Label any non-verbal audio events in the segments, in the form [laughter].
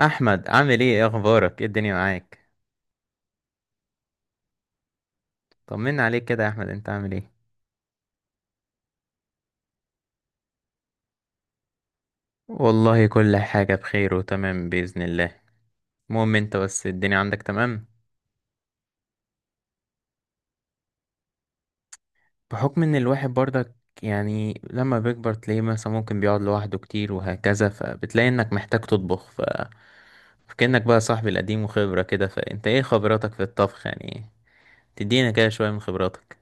احمد عامل ايه، إيه اخبارك، ايه الدنيا معاك؟ طمنا عليك كده يا احمد، انت عامل ايه؟ والله كل حاجة بخير وتمام بإذن الله. المهم انت بس الدنيا عندك تمام؟ بحكم ان الواحد برضك يعني لما بيكبر تلاقيه مثلا ممكن بيقعد لوحده كتير وهكذا، فبتلاقي انك محتاج تطبخ. ف فكأنك بقى صاحبي القديم وخبرة كده، فانت ايه خبراتك في الطبخ يعني؟ تدينا كده شوية من خبراتك.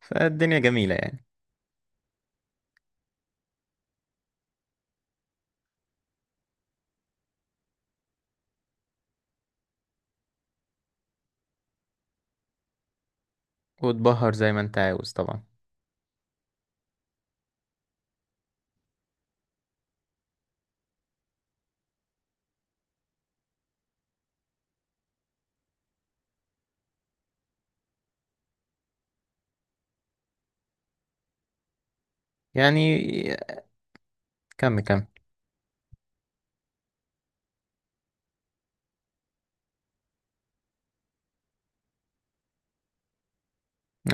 فالدنيا جميلة يعني. وتبهر زي ما انت عاوز طبعا. يعني كمل كمل.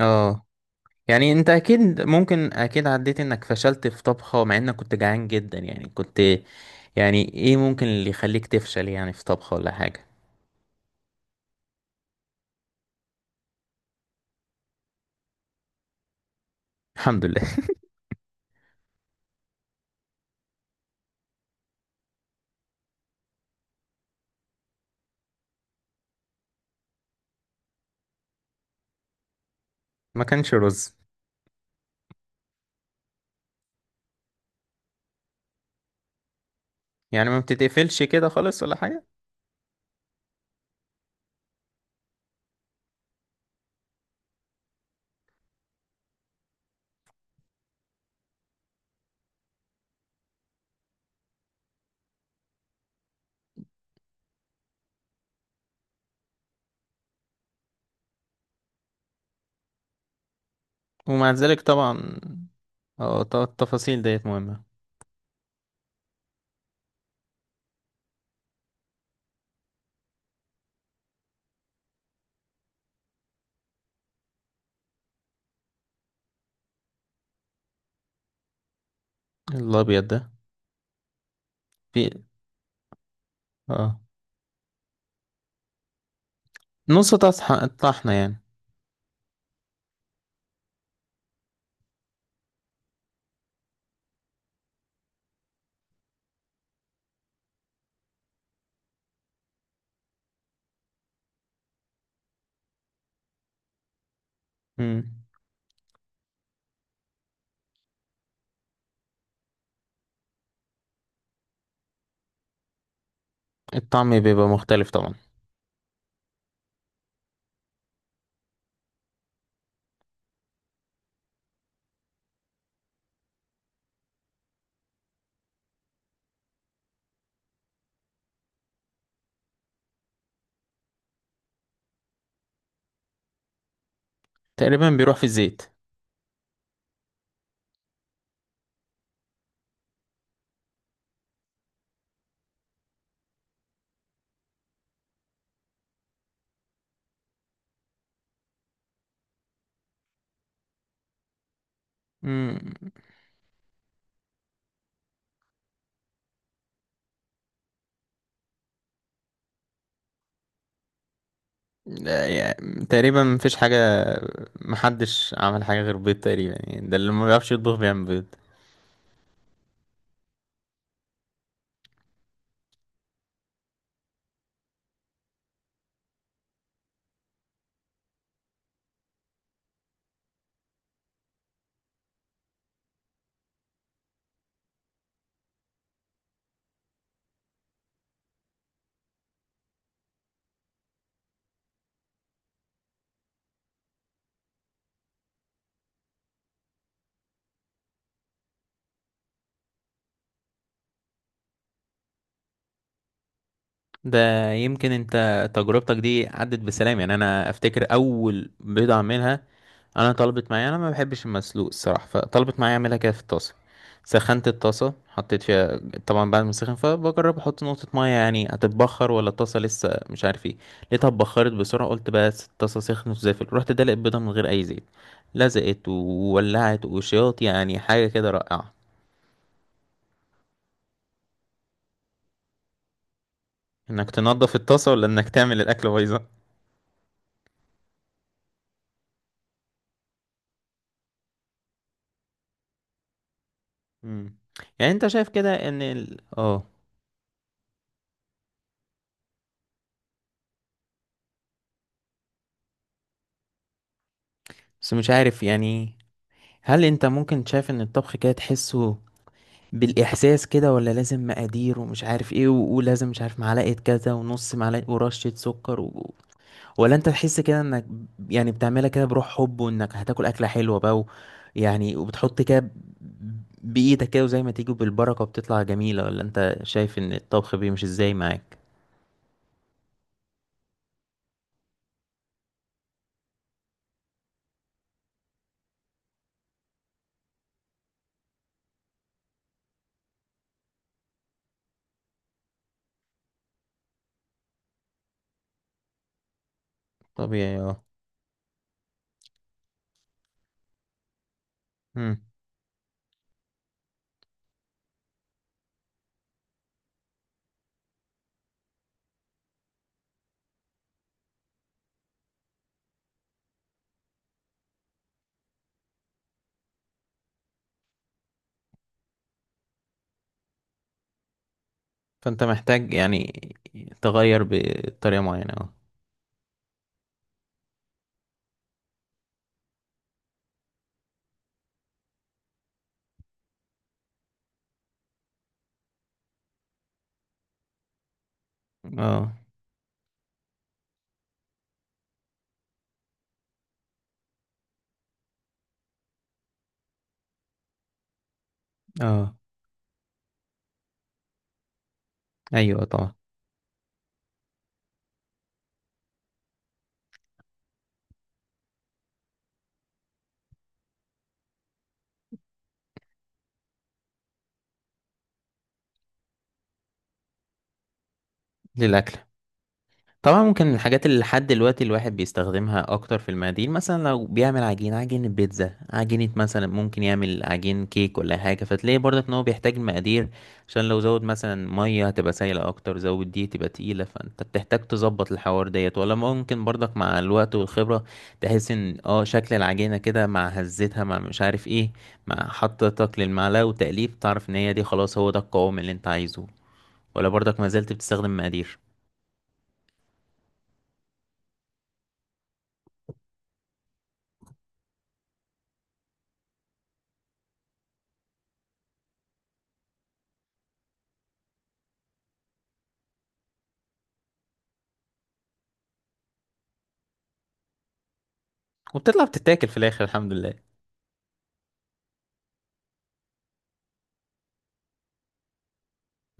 اه يعني انت اكيد، ممكن اكيد عديت انك فشلت في طبخة مع انك كنت جعان جدا يعني، كنت يعني ايه ممكن اللي يخليك تفشل يعني في طبخة ولا حاجة؟ الحمد لله. [laughs] ما كانش رز. يعني ما بتتقفلش كده خالص ولا حاجة؟ ومع ذلك طبعا. اه، التفاصيل ديت مهمة. الابيض ده؟ في اه، نص طحنة يعني. مم. الطعم بيبقى مختلف طبعا. تقريبا بيروح في الزيت. مم. لا يعني تقريبا مفيش حاجة، محدش عمل حاجة غير بيض تقريبا يعني، ده اللي ما بيعرفش يطبخ بيعمل بيض. ده يمكن انت تجربتك دي عدت بسلام. يعني انا افتكر اول بيضة اعملها، انا طلبت معايا، انا ما بحبش المسلوق الصراحة، فطلبت معايا اعملها كده في الطاسة. سخنت الطاسة، حطيت فيها، طبعا بعد ما سخن، فبجرب احط نقطة مية يعني هتتبخر ولا الطاسة لسه مش عارف ايه. لقيتها اتبخرت بسرعة، قلت بس الطاسة سخنت وزفت، رحت دلق البيضة من غير اي زيت، لزقت وولعت وشياط، يعني حاجة كده رائعة. انك تنضف الطاسة ولا انك تعمل الاكل بايظة. مم. يعني انت شايف كده ان ال... اه بس مش عارف يعني؟ هل انت ممكن شايف ان الطبخ كده تحسه بالاحساس كده، ولا لازم مقادير ومش عارف ايه، ولازم مش عارف معلقة كذا ونص معلقة ورشة سكر و...؟ ولا انت تحس كده انك يعني بتعملها كده بروح حب، وانك هتاكل اكلة حلوة بقى و...؟ يعني وبتحط كده بايدك كده وزي ما تيجي بالبركة وبتطلع جميلة، ولا انت شايف ان الطبخ بيمشي ازاي معاك؟ طبيعي. اه فانت محتاج يعني تغير بطريقة معينة، اه اه اه. ايوه طبعا. للاكل. طبعا ممكن من الحاجات اللي لحد دلوقتي الواحد بيستخدمها اكتر في المقادير، مثلا لو بيعمل عجين، عجينة بيتزا، عجينة مثلا، ممكن يعمل عجين كيك ولا حاجة، فتلاقي برضك ان هو بيحتاج المقادير، عشان لو زود مثلا مية هتبقى سايلة اكتر، زود دي تبقى تقيلة، فانت بتحتاج تظبط الحوار ديت. ولا ممكن برضك مع الوقت والخبرة تحس ان اه شكل العجينة كده مع هزتها، مع مش عارف ايه، مع حطتك للمعلقة وتقليب، تعرف ان هي دي خلاص هو ده القوام اللي انت عايزه؟ ولا برضك ما زلت بتستخدم مقادير؟ وبتطلع بتتاكل في الاخر الحمد لله.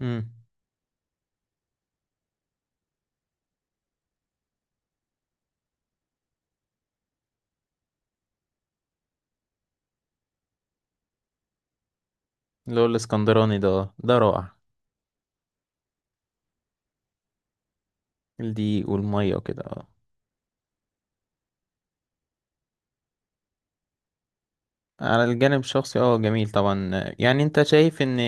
امم. اللي هو الاسكندراني ده؟ آه، ده رائع. الدقيق والميه وكده اه. على الجانب الشخصي اه، جميل طبعا. آه، يعني انت شايف ان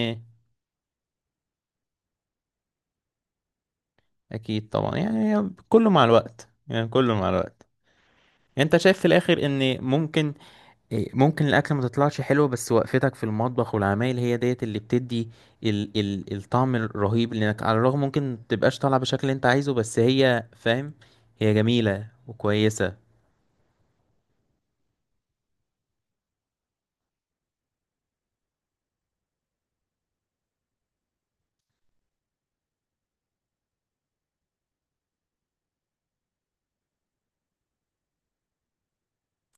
اكيد طبعا، يعني كله مع الوقت، يعني كله مع الوقت. يعني انت شايف في الاخر ان ممكن، إيه، ممكن الاكل ما تطلعش حلو، بس وقفتك في المطبخ والعمايل هي ديت اللي بتدي ال الطعم الرهيب، لانك على الرغم ممكن تبقاش طالعه بالشكل اللي انت عايزه، بس هي فاهم، هي جميله وكويسه.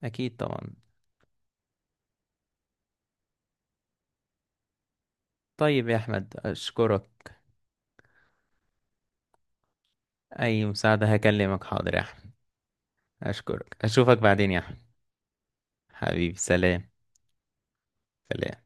اكيد طبعا. طيب يا أحمد، أشكرك. أي مساعدة هكلمك، حاضر يا أحمد. أشكرك، أشوفك بعدين يا أحمد. حبيبي سلام. سلام.